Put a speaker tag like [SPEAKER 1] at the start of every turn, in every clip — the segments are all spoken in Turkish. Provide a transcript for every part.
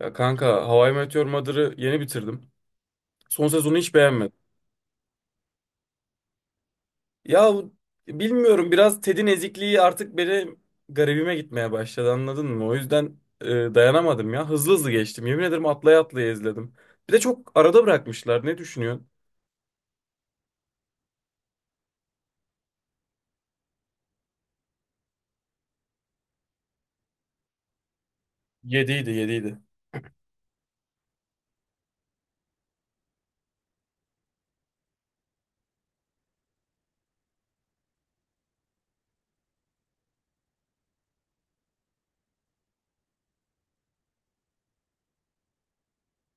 [SPEAKER 1] Ya kanka, How I Met Your Mother'ı yeni bitirdim. Son sezonu hiç beğenmedim. Ya, bilmiyorum, biraz Ted'in ezikliği artık beni garibime gitmeye başladı, anladın mı? O yüzden dayanamadım ya. Hızlı hızlı geçtim. Yemin ederim atlaya atlaya izledim. Bir de çok arada bırakmışlar. Ne düşünüyorsun? Yediydi.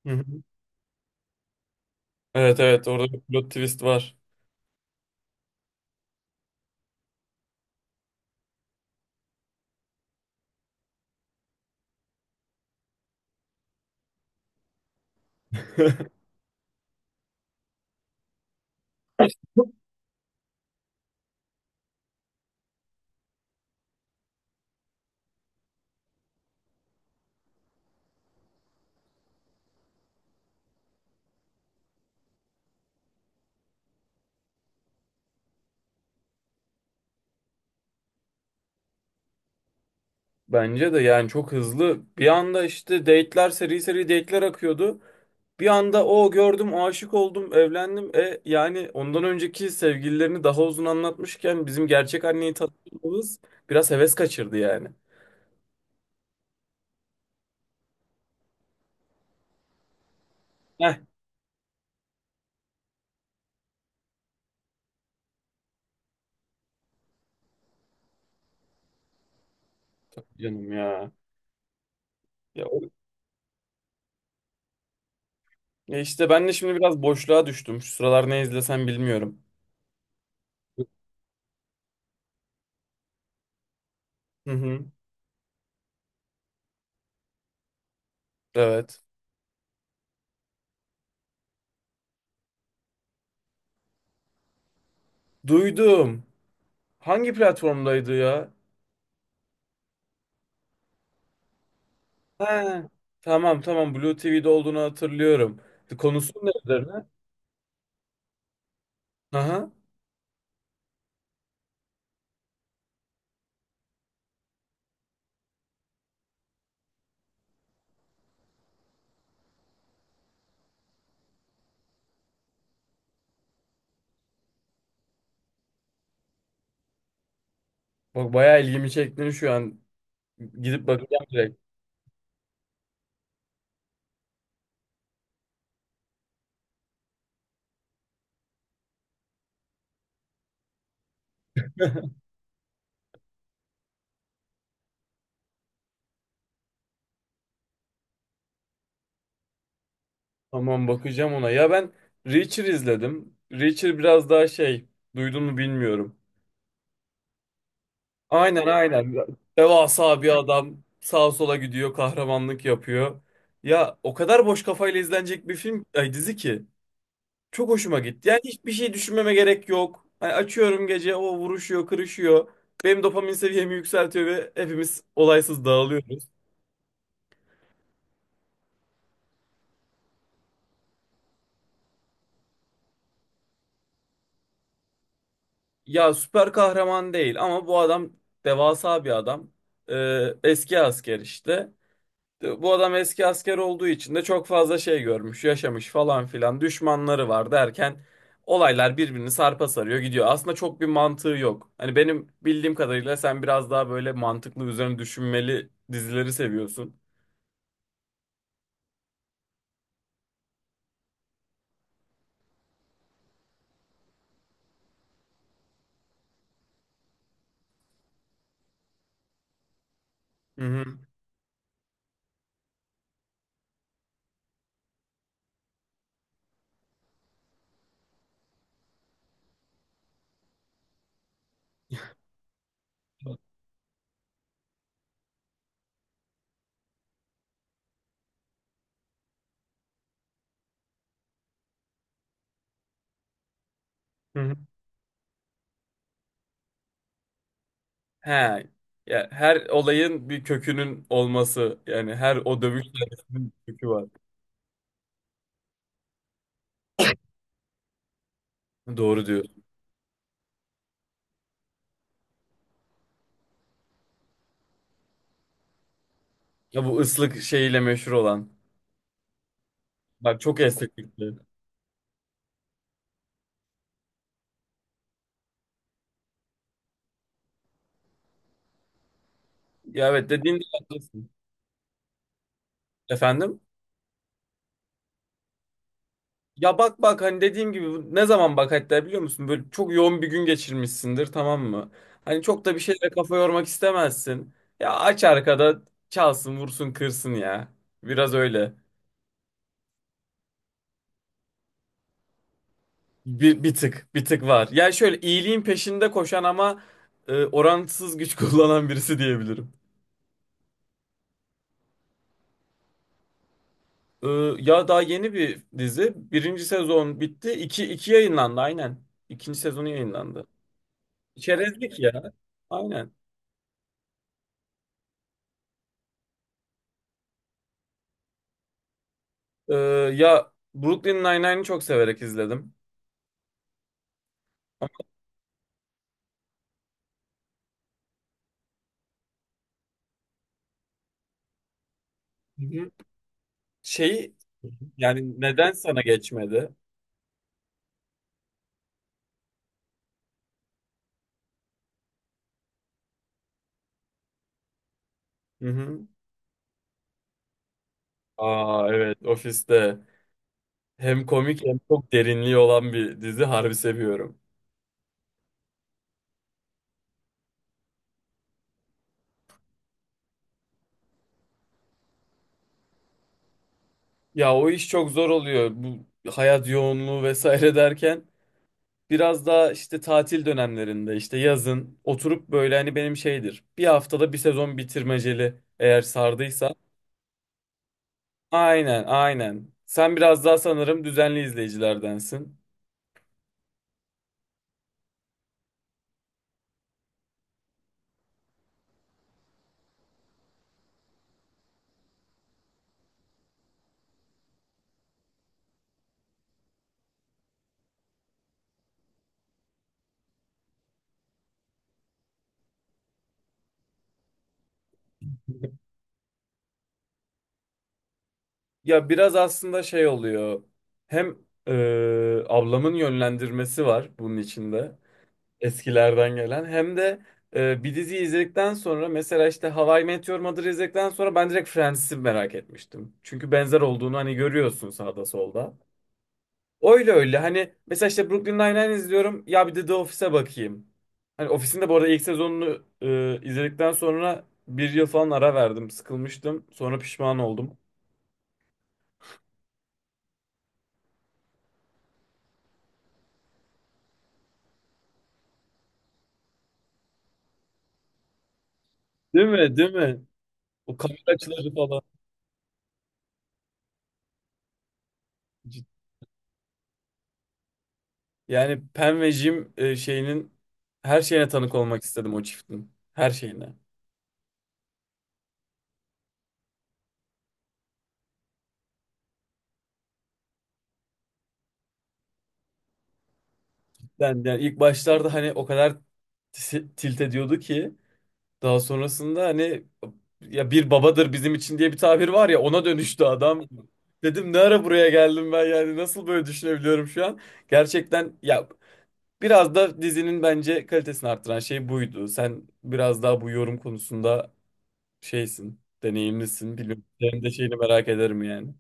[SPEAKER 1] Hı hı. Evet evet, orada bir plot twist var. Bence de, yani çok hızlı. Bir anda işte date'ler, seri seri date'ler akıyordu. Bir anda o gördüm, aşık oldum, evlendim. E yani ondan önceki sevgililerini daha uzun anlatmışken bizim gerçek anneyi tanıdığımız biraz heves kaçırdı yani. Heh, canım ya. Ya, o, ya işte ben de şimdi biraz boşluğa düştüm. Şu sıralar ne izlesem bilmiyorum. Hı hı. Evet. Duydum. Hangi platformdaydı ya? He. Tamam tamam, Blue TV'de olduğunu hatırlıyorum. Konusu ne? Aha. Bak, bayağı ilgimi çektin şu an. Gidip bakacağım direkt. Tamam, bakacağım ona. Ya ben Reacher izledim. Reacher biraz daha şey, duydun mu bilmiyorum. Aynen aynen. Devasa bir adam sağa sola gidiyor, kahramanlık yapıyor. Ya o kadar boş kafayla izlenecek bir film, ay dizi ki. Çok hoşuma gitti. Yani hiçbir şey düşünmeme gerek yok. Hani açıyorum, gece o vuruşuyor kırışıyor. Benim dopamin seviyemi yükseltiyor ve hepimiz olaysız dağılıyoruz. Ya süper kahraman değil ama bu adam devasa bir adam. Eski asker işte. Bu adam eski asker olduğu için de çok fazla şey görmüş, yaşamış falan filan. Düşmanları var derken olaylar birbirini sarpa sarıyor gidiyor. Aslında çok bir mantığı yok. Hani benim bildiğim kadarıyla sen biraz daha böyle mantıklı, üzerine düşünmeli dizileri seviyorsun. Hı hı. Hı hı. He. Ya her olayın bir kökünün olması, yani her o dövüş sahnesinin bir kökü var. Doğru diyorsun. Ya bu ıslık şeyiyle meşhur olan. Bak, çok estetikli. Ya evet, dediğin de haklısın. Efendim? Ya bak bak, hani dediğim gibi ne zaman bak, hatta biliyor musun? Böyle çok yoğun bir gün geçirmişsindir, tamam mı? Hani çok da bir şeyle kafa yormak istemezsin. Ya aç arkada, çalsın vursun kırsın ya. Biraz öyle. Bir tık var. Ya şöyle iyiliğin peşinde koşan ama orantısız güç kullanan birisi diyebilirim. Ee, ya daha yeni bir dizi. Birinci sezon bitti. İki yayınlandı aynen. İkinci sezonu yayınlandı. Çerezlik ya. Aynen. Ee, ya Brooklyn Nine-Nine'i çok severek izledim. Hı hı. Şeyi, yani neden sana geçmedi? Hı hı. Aa evet, ofiste. Hem komik hem çok derinliği olan bir dizi, harbi seviyorum. Ya o iş çok zor oluyor. Bu hayat yoğunluğu vesaire derken biraz daha işte tatil dönemlerinde, işte yazın oturup böyle, hani benim şeydir: bir haftada bir sezon bitirmeceli, eğer sardıysa. Aynen aynen. Sen biraz daha sanırım düzenli izleyicilerdensin. Ya biraz aslında şey oluyor. Hem e, ablamın yönlendirmesi var bunun içinde. Eskilerden gelen. Hem de bir dizi izledikten sonra, mesela işte How I Met Your Mother'ı izledikten sonra ben direkt Friends'i merak etmiştim. Çünkü benzer olduğunu hani görüyorsun sağda solda. Öyle öyle. Hani mesela işte Brooklyn Nine-Nine izliyorum. Ya bir de The Office'e bakayım. Hani Office'in de bu arada ilk sezonunu izledikten sonra bir yıl falan ara verdim. Sıkılmıştım. Sonra pişman oldum. Değil mi? Değil mi? O kamera açıları falan. Yani Pen ve Jim şeyinin her şeyine tanık olmak istedim, o çiftin. Her şeyine. Ben yani ilk başlarda hani o kadar tilt ediyordu ki. Daha sonrasında hani, ya bir babadır bizim için diye bir tabir var ya, ona dönüştü adam. Dedim ne ara buraya geldim ben, yani nasıl böyle düşünebiliyorum şu an? Gerçekten ya, biraz da dizinin bence kalitesini arttıran şey buydu. Sen biraz daha bu yorum konusunda şeysin, deneyimlisin. Bilmiyorum. Senin de şeyini merak ederim yani.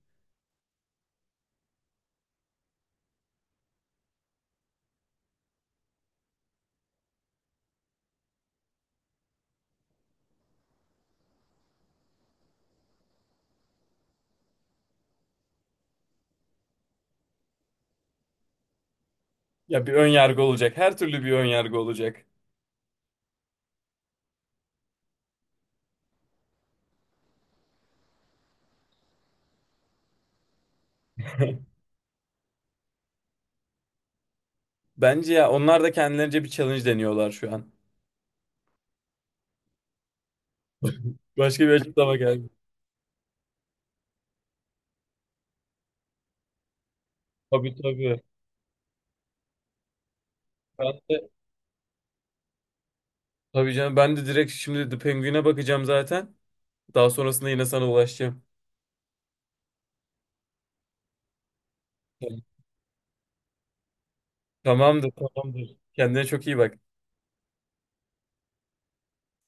[SPEAKER 1] Ya bir ön yargı olacak. Her türlü bir ön yargı olacak. Bence ya, onlar da kendilerince bir challenge deniyorlar şu an. Başka bir açıklama geldi. Tabii tabii. Ben de tabii canım, ben de direkt şimdi The Penguin'e bakacağım zaten. Daha sonrasında yine sana ulaşacağım. Tamamdır, tamamdır. Kendine çok iyi bak.